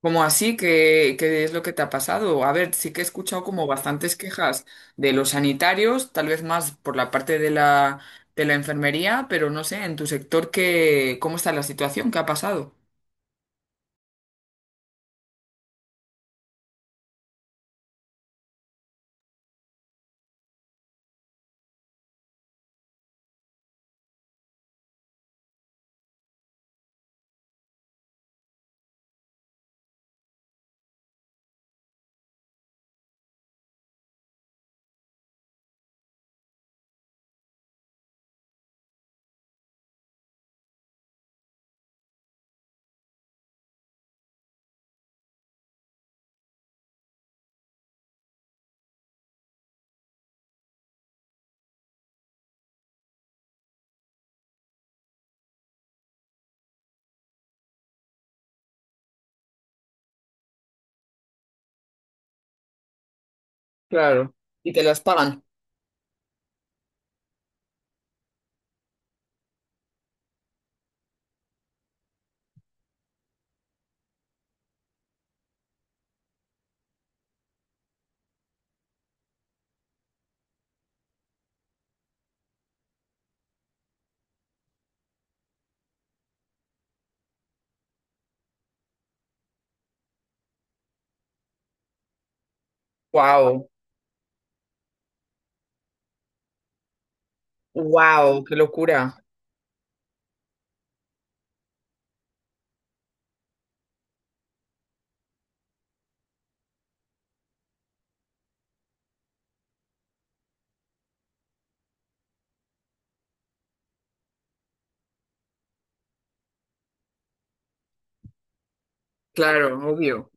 ¿Cómo así? ¿Qué es lo que te ha pasado? A ver, sí que he escuchado como bastantes quejas de los sanitarios, tal vez más por la parte de la enfermería, pero no sé, en tu sector, ¿ cómo está la situación? ¿Qué ha pasado? Claro. ¿Y te las pagan? Wow, wow, qué locura. Claro, obvio.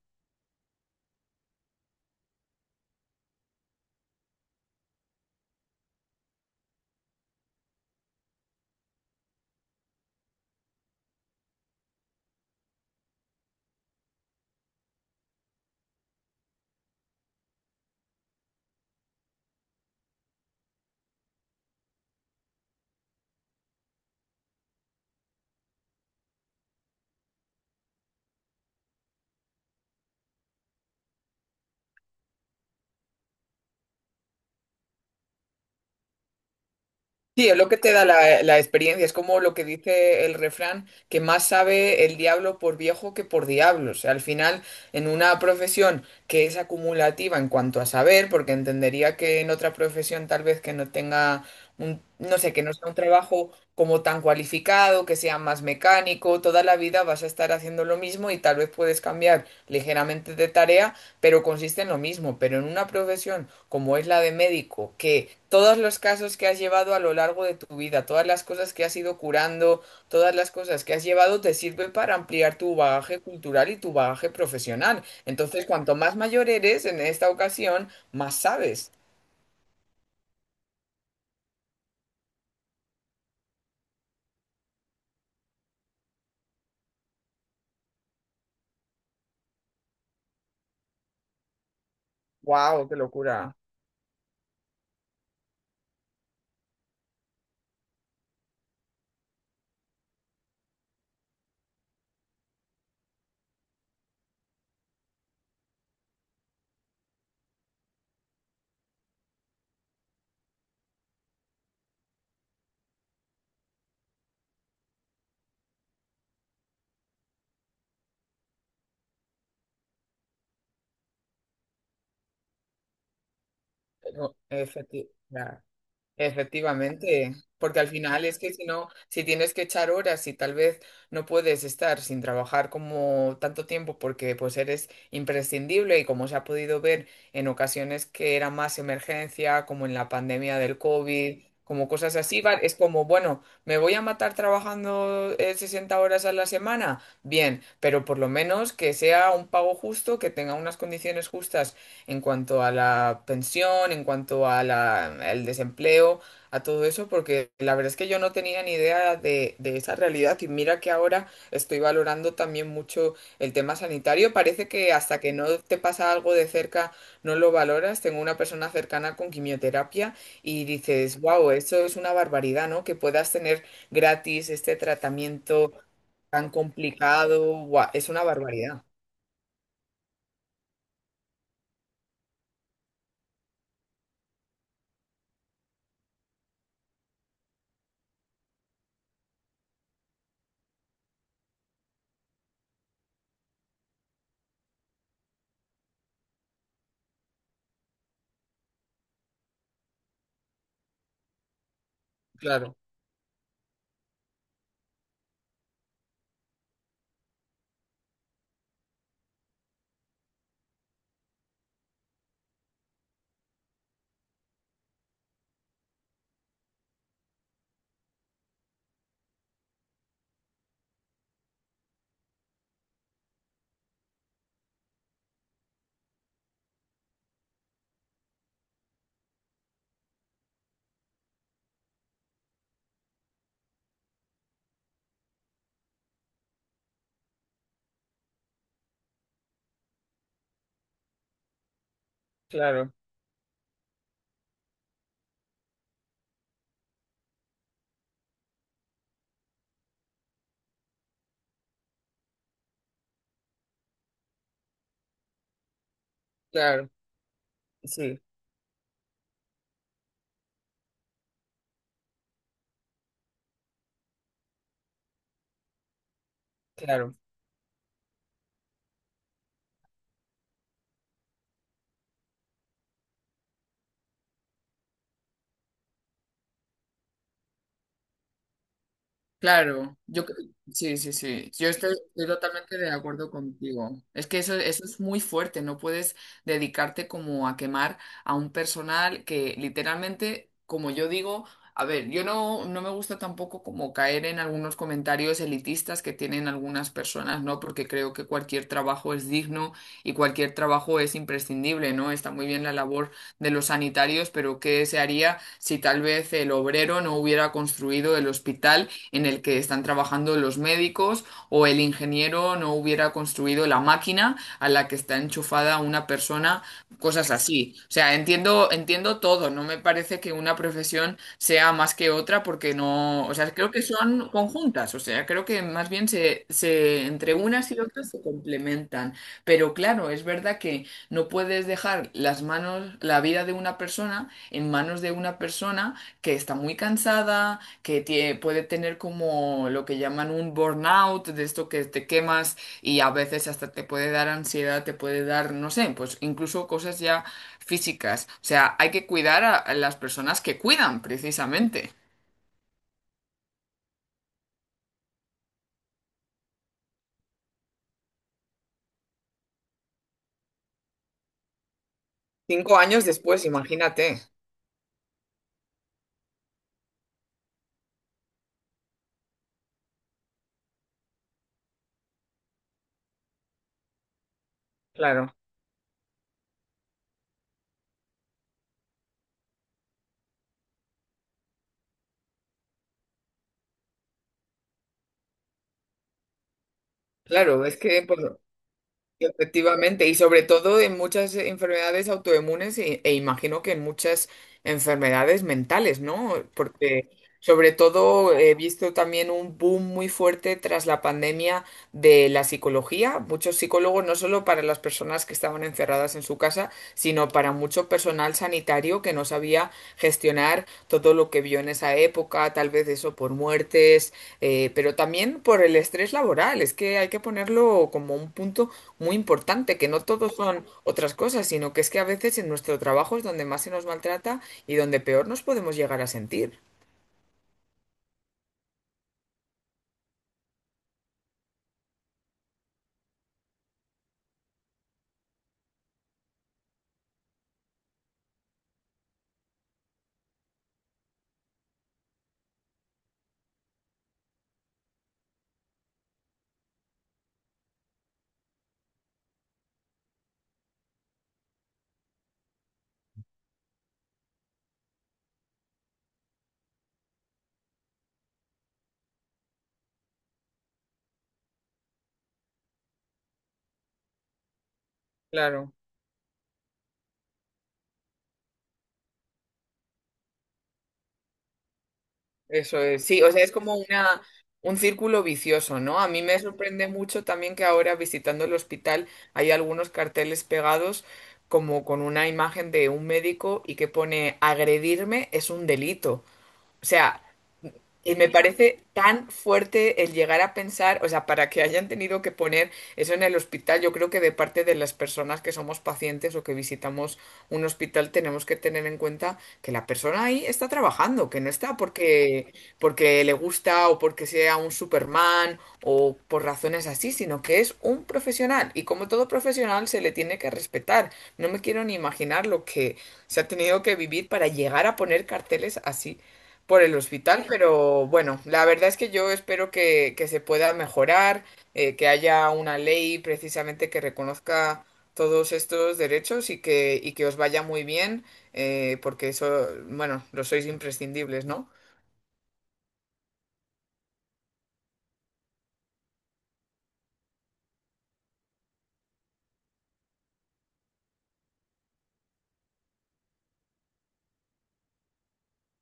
Sí, es lo que te da la experiencia, es como lo que dice el refrán, que más sabe el diablo por viejo que por diablo. O sea, al final, en una profesión que es acumulativa en cuanto a saber, porque entendería que en otra profesión tal vez que no tenga no sé, que no sea un trabajo como tan cualificado, que sea más mecánico, toda la vida vas a estar haciendo lo mismo y tal vez puedes cambiar ligeramente de tarea, pero consiste en lo mismo. Pero en una profesión como es la de médico, que todos los casos que has llevado a lo largo de tu vida, todas las cosas que has ido curando, todas las cosas que has llevado, te sirve para ampliar tu bagaje cultural y tu bagaje profesional. Entonces, cuanto más mayor eres en esta ocasión, más sabes. ¡Wow! ¡Qué locura! No, efecti- ya, efectivamente, porque al final es que si no, si tienes que echar horas y tal vez no puedes estar sin trabajar como tanto tiempo porque pues eres imprescindible y como se ha podido ver en ocasiones que era más emergencia, como en la pandemia del COVID, como cosas así, es como, bueno, me voy a matar trabajando 60 horas a la semana, bien, pero por lo menos que sea un pago justo, que tenga unas condiciones justas en cuanto a la pensión, en cuanto a al desempleo, a todo eso, porque la verdad es que yo no tenía ni idea de esa realidad y mira que ahora estoy valorando también mucho el tema sanitario. Parece que hasta que no te pasa algo de cerca no lo valoras. Tengo una persona cercana con quimioterapia y dices, wow, eso es una barbaridad, ¿no? Que puedas tener gratis este tratamiento tan complicado, guau, es una barbaridad. Claro, claro, claro, sí. Claro. Claro, sí, sí, sí. Yo estoy totalmente de acuerdo contigo. Es que eso es muy fuerte, no puedes dedicarte como a quemar a un personal que literalmente, como yo digo, a ver, yo no, no me gusta tampoco como caer en algunos comentarios elitistas que tienen algunas personas, ¿no? Porque creo que cualquier trabajo es digno y cualquier trabajo es imprescindible, ¿no? Está muy bien la labor de los sanitarios, pero ¿qué se haría si tal vez el obrero no hubiera construido el hospital en el que están trabajando los médicos o el ingeniero no hubiera construido la máquina a la que está enchufada una persona, cosas así? O sea, entiendo todo, no me parece que una profesión sea más que otra porque no, o sea, creo que son conjuntas, o sea, creo que más bien se entre unas y otras se complementan. Pero claro, es verdad que no puedes dejar las manos, la vida de una persona en manos de una persona que está muy cansada, que puede tener como lo que llaman un burnout, de esto que te quemas y a veces hasta te puede dar ansiedad, te puede dar, no sé, pues incluso cosas ya físicas. O sea, hay que cuidar a las personas que cuidan, precisamente. Cinco años después, imagínate. Claro, claro, es que por, efectivamente, y sobre todo en muchas enfermedades autoinmunes e imagino que en muchas enfermedades mentales, ¿no? Porque sobre todo he visto también un boom muy fuerte tras la pandemia de la psicología, muchos psicólogos no solo para las personas que estaban encerradas en su casa, sino para mucho personal sanitario que no sabía gestionar todo lo que vio en esa época, tal vez eso por muertes, pero también por el estrés laboral. Es que hay que ponerlo como un punto muy importante, que no todos son otras cosas, sino que es que a veces en nuestro trabajo es donde más se nos maltrata y donde peor nos podemos llegar a sentir. Claro. Eso es, sí, o sea, es como un círculo vicioso, ¿no? A mí me sorprende mucho también que ahora visitando el hospital hay algunos carteles pegados como con una imagen de un médico y que pone agredirme es un delito. O sea, y me parece tan fuerte el llegar a pensar, o sea, para que hayan tenido que poner eso en el hospital, yo creo que de parte de las personas que somos pacientes o que visitamos un hospital tenemos que tener en cuenta que la persona ahí está trabajando, que no está porque, porque le gusta o porque sea un Superman o por razones así, sino que es un profesional y como todo profesional se le tiene que respetar. No me quiero ni imaginar lo que se ha tenido que vivir para llegar a poner carteles así por el hospital, pero bueno, la verdad es que yo espero que se pueda mejorar, que haya una ley precisamente que reconozca todos estos derechos y que os vaya muy bien, porque eso, bueno, lo sois imprescindibles, ¿no?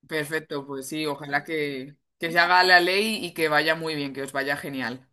Perfecto, pues sí, ojalá que se haga la ley y que vaya muy bien, que os vaya genial.